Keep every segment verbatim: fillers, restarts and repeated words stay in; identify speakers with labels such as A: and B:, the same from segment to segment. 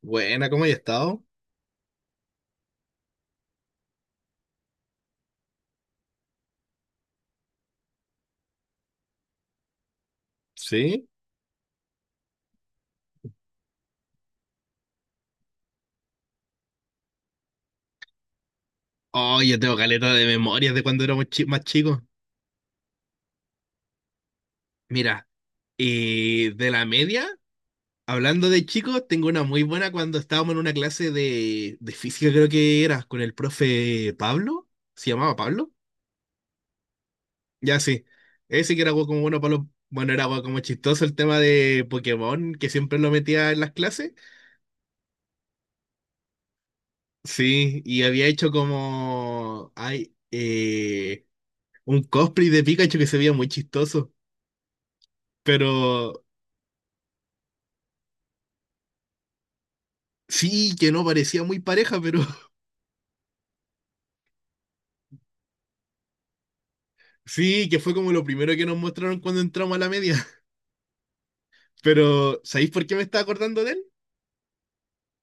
A: Buena, ¿cómo has estado? ¿Sí? Oh, yo tengo caleta de memorias de cuando éramos chi- más chicos. Mira, y de la media, hablando de chicos, tengo una muy buena cuando estábamos en una clase de, de física, creo que era, con el profe Pablo. ¿Se llamaba Pablo? Ya, sí. Ese que era algo como bueno, Pablo. Bueno, era algo como chistoso el tema de Pokémon, que siempre lo metía en las clases. Sí, y había hecho como. Ay, eh, un cosplay de Pikachu que se veía muy chistoso. Pero sí, que no parecía muy pareja, pero sí, que fue como lo primero que nos mostraron cuando entramos a la media. Pero, ¿sabéis por qué me estaba acordando de él?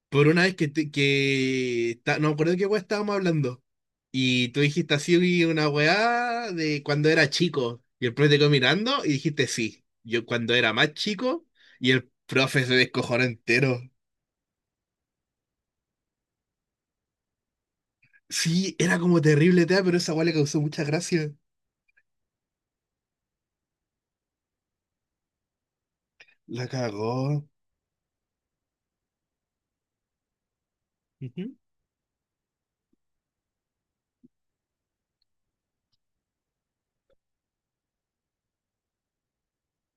A: Por una vez que, te- que está- no me acuerdo de qué weá estábamos hablando. Y tú dijiste así una weá de cuando era chico. Y el profe te quedó mirando y dijiste sí. Yo cuando era más chico y el profe se descojonó entero. Sí, era como terrible, tea, pero esa weá le causó mucha gracia. La cagó. Ujú.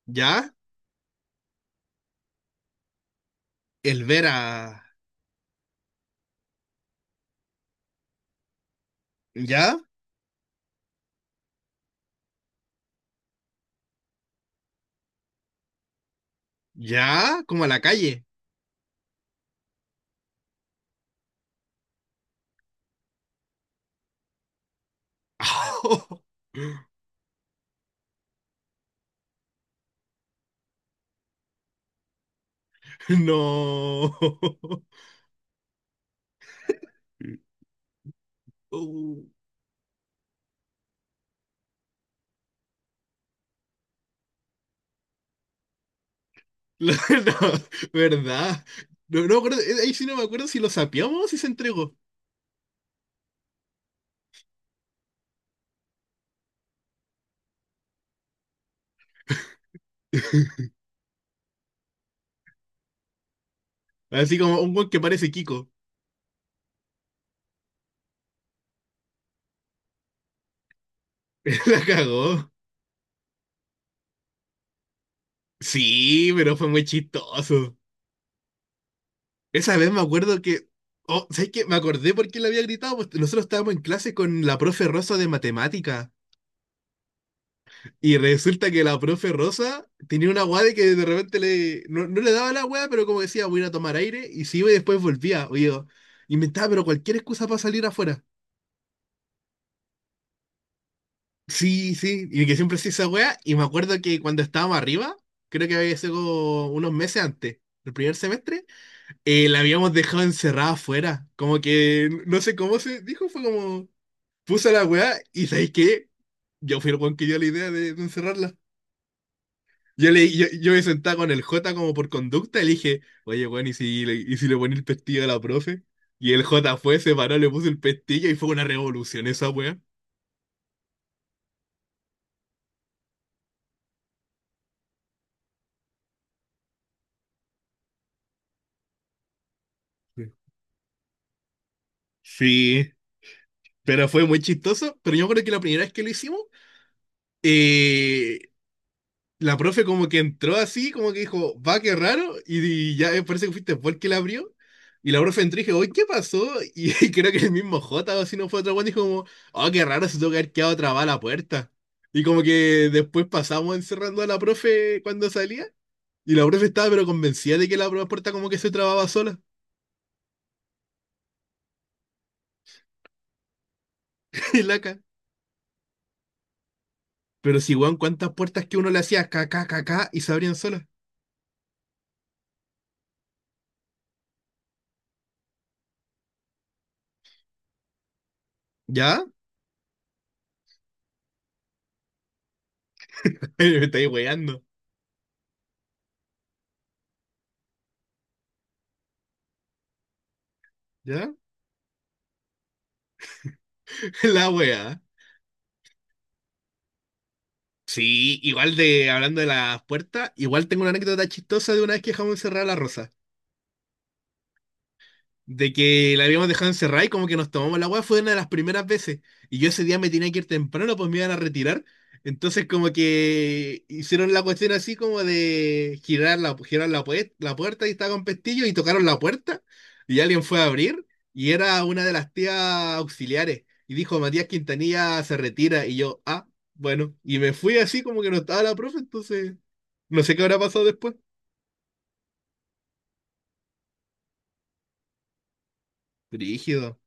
A: ¿Ya? El ver a, ¿ya? ¿Ya? Como a la calle. No. Uh, no, ¿verdad? No, no me acuerdo, eh, ahí sí no me acuerdo si lo sapeamos o si se entregó. Así como un weón que parece Kiko. La cagó. Sí, pero fue muy chistoso. Esa vez me acuerdo que. Oh, ¿sabes qué? Me acordé por qué le había gritado, pues. Nosotros estábamos en clase con la profe Rosa de matemática. Y resulta que la profe Rosa tenía una guada de que de repente le, no, no le daba la guada, pero como decía, voy a ir a tomar aire, y se iba y después volvía. Oye, inventaba, pero cualquier excusa para salir afuera. Sí, sí, y que siempre hacía esa wea. Y me acuerdo que cuando estábamos arriba, creo que había sido unos meses antes, el primer semestre, eh, la habíamos dejado encerrada afuera. Como que no sé cómo se dijo, fue como, puse la wea, y ¿sabéis qué? Yo fui el weón que dio la idea de, de encerrarla. Yo, le, yo, yo me sentaba con el J como por conducta y le dije, oye, bueno, ¿y si le, ¿y si le ponía el pestillo a la profe? Y el J fue, se paró, le puso el pestillo y fue una revolución esa wea. Sí, pero fue muy chistoso. Pero yo creo que la primera vez que lo hicimos, eh, la profe como que entró así, como que dijo, va, qué raro, y, y ya, eh, parece que fuiste vos el que la abrió. Y la profe entró y dije, oye, ¿qué pasó? Y y creo que el mismo J, o si no fue otro weón, dijo como, oh, qué raro, se tuvo que haber quedado trabada la puerta. Y como que después pasamos encerrando a la profe cuando salía. Y la profe estaba pero convencida de que la puerta como que se trababa sola. en la ca- Pero si, weón, cuántas puertas que uno le hacía, ca, ca, ca, ca, y se abrían solas. ¿Ya? Me estáis weando. ¿Ya? La wea. Sí, igual de hablando de las puertas, igual tengo una anécdota chistosa de una vez que dejamos encerrada a la Rosa. De que la habíamos dejado encerrada y como que nos tomamos la agua, fue una de las primeras veces. Y yo ese día me tenía que ir temprano, pues me iban a retirar. Entonces como que hicieron la cuestión así como de girar la, girar la, pue- la puerta y estaba con pestillo y tocaron la puerta y alguien fue a abrir y era una de las tías auxiliares. Y dijo, Matías Quintanilla se retira y yo, ah, bueno, y me fui así como que no estaba la profe, entonces... No sé qué habrá pasado después. Rígido.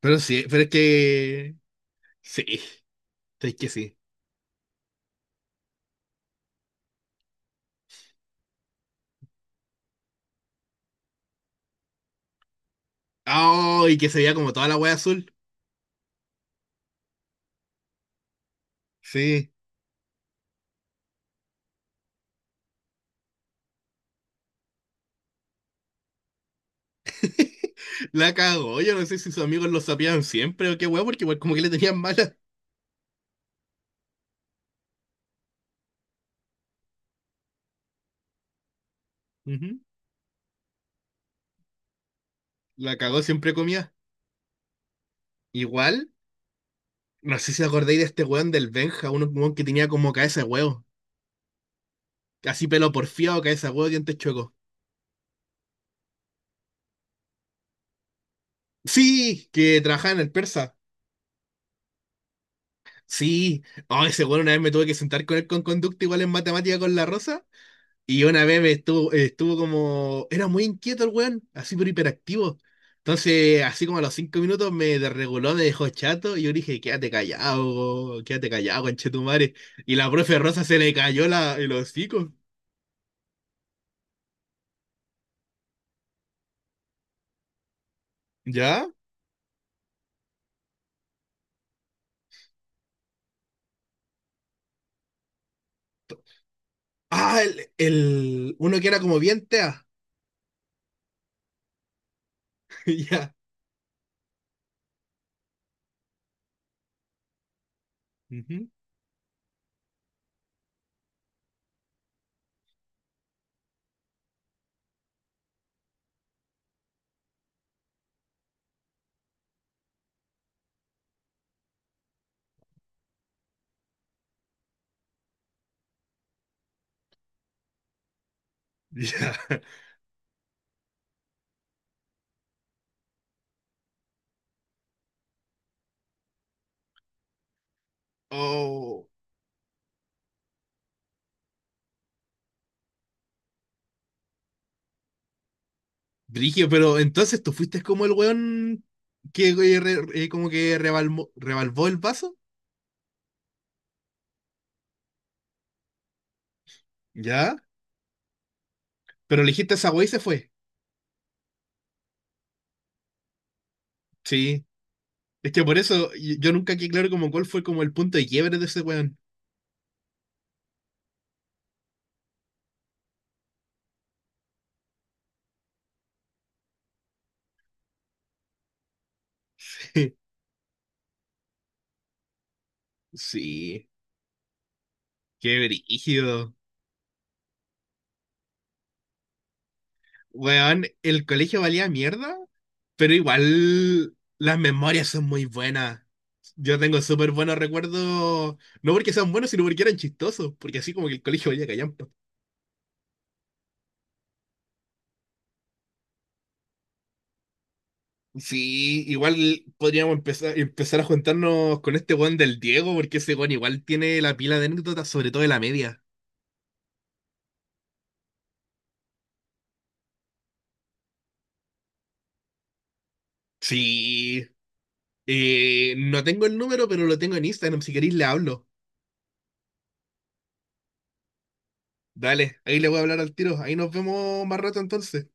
A: Pero sí, pero es que. Sí, es que sí. Ah, y que se veía como toda la wea azul. Sí. La cagó. Yo no sé si sus amigos lo sabían siempre o qué wea, porque igual como que le tenían mala. Ujú. La cagó, siempre comía. Igual, no sé si acordáis de este weón del Benja, un weón que tenía como cabeza de huevo. Así pelo porfiado, cabeza de huevo, dientes chuecos. Sí, que trabajaba en el persa. Sí. Oh, ese weón una vez me tuve que sentar con él con conducta igual en matemática con la rosa. Y una vez me estuvo, estuvo como, era muy inquieto el weón, así pero hiperactivo. Entonces, así como a los cinco minutos me desreguló, me dejó chato, y yo dije, quédate callado, quédate callado, conchetumare. Y la profe Rosa se le cayó la, el hocico. ¿Ya? Ah, el, el- uno que era como bien tea. Ya. Ujú. Ya. Oh, Brigio, pero entonces tú fuiste como el weón que eh, re- eh, como que rebalmo- rebalvó el vaso. ¿Ya? Pero elegiste esa weá y se fue. Sí. Es que por eso yo yo nunca quedé claro como cuál fue como el punto de quiebre de ese weón. Sí, qué brígido. Weón, el colegio valía mierda, pero igual las memorias son muy buenas. Yo tengo súper buenos recuerdos, no porque sean buenos, sino porque eran chistosos, porque así como que el colegio valía callampa. Sí, igual podríamos empezar, empezar a juntarnos con este weón del Diego, porque ese weón igual tiene la pila de anécdotas, sobre todo de la media. Sí, eh, no tengo el número, pero lo tengo en Instagram. Si queréis, le hablo. Dale, ahí le voy a hablar al tiro. Ahí nos vemos más rato entonces.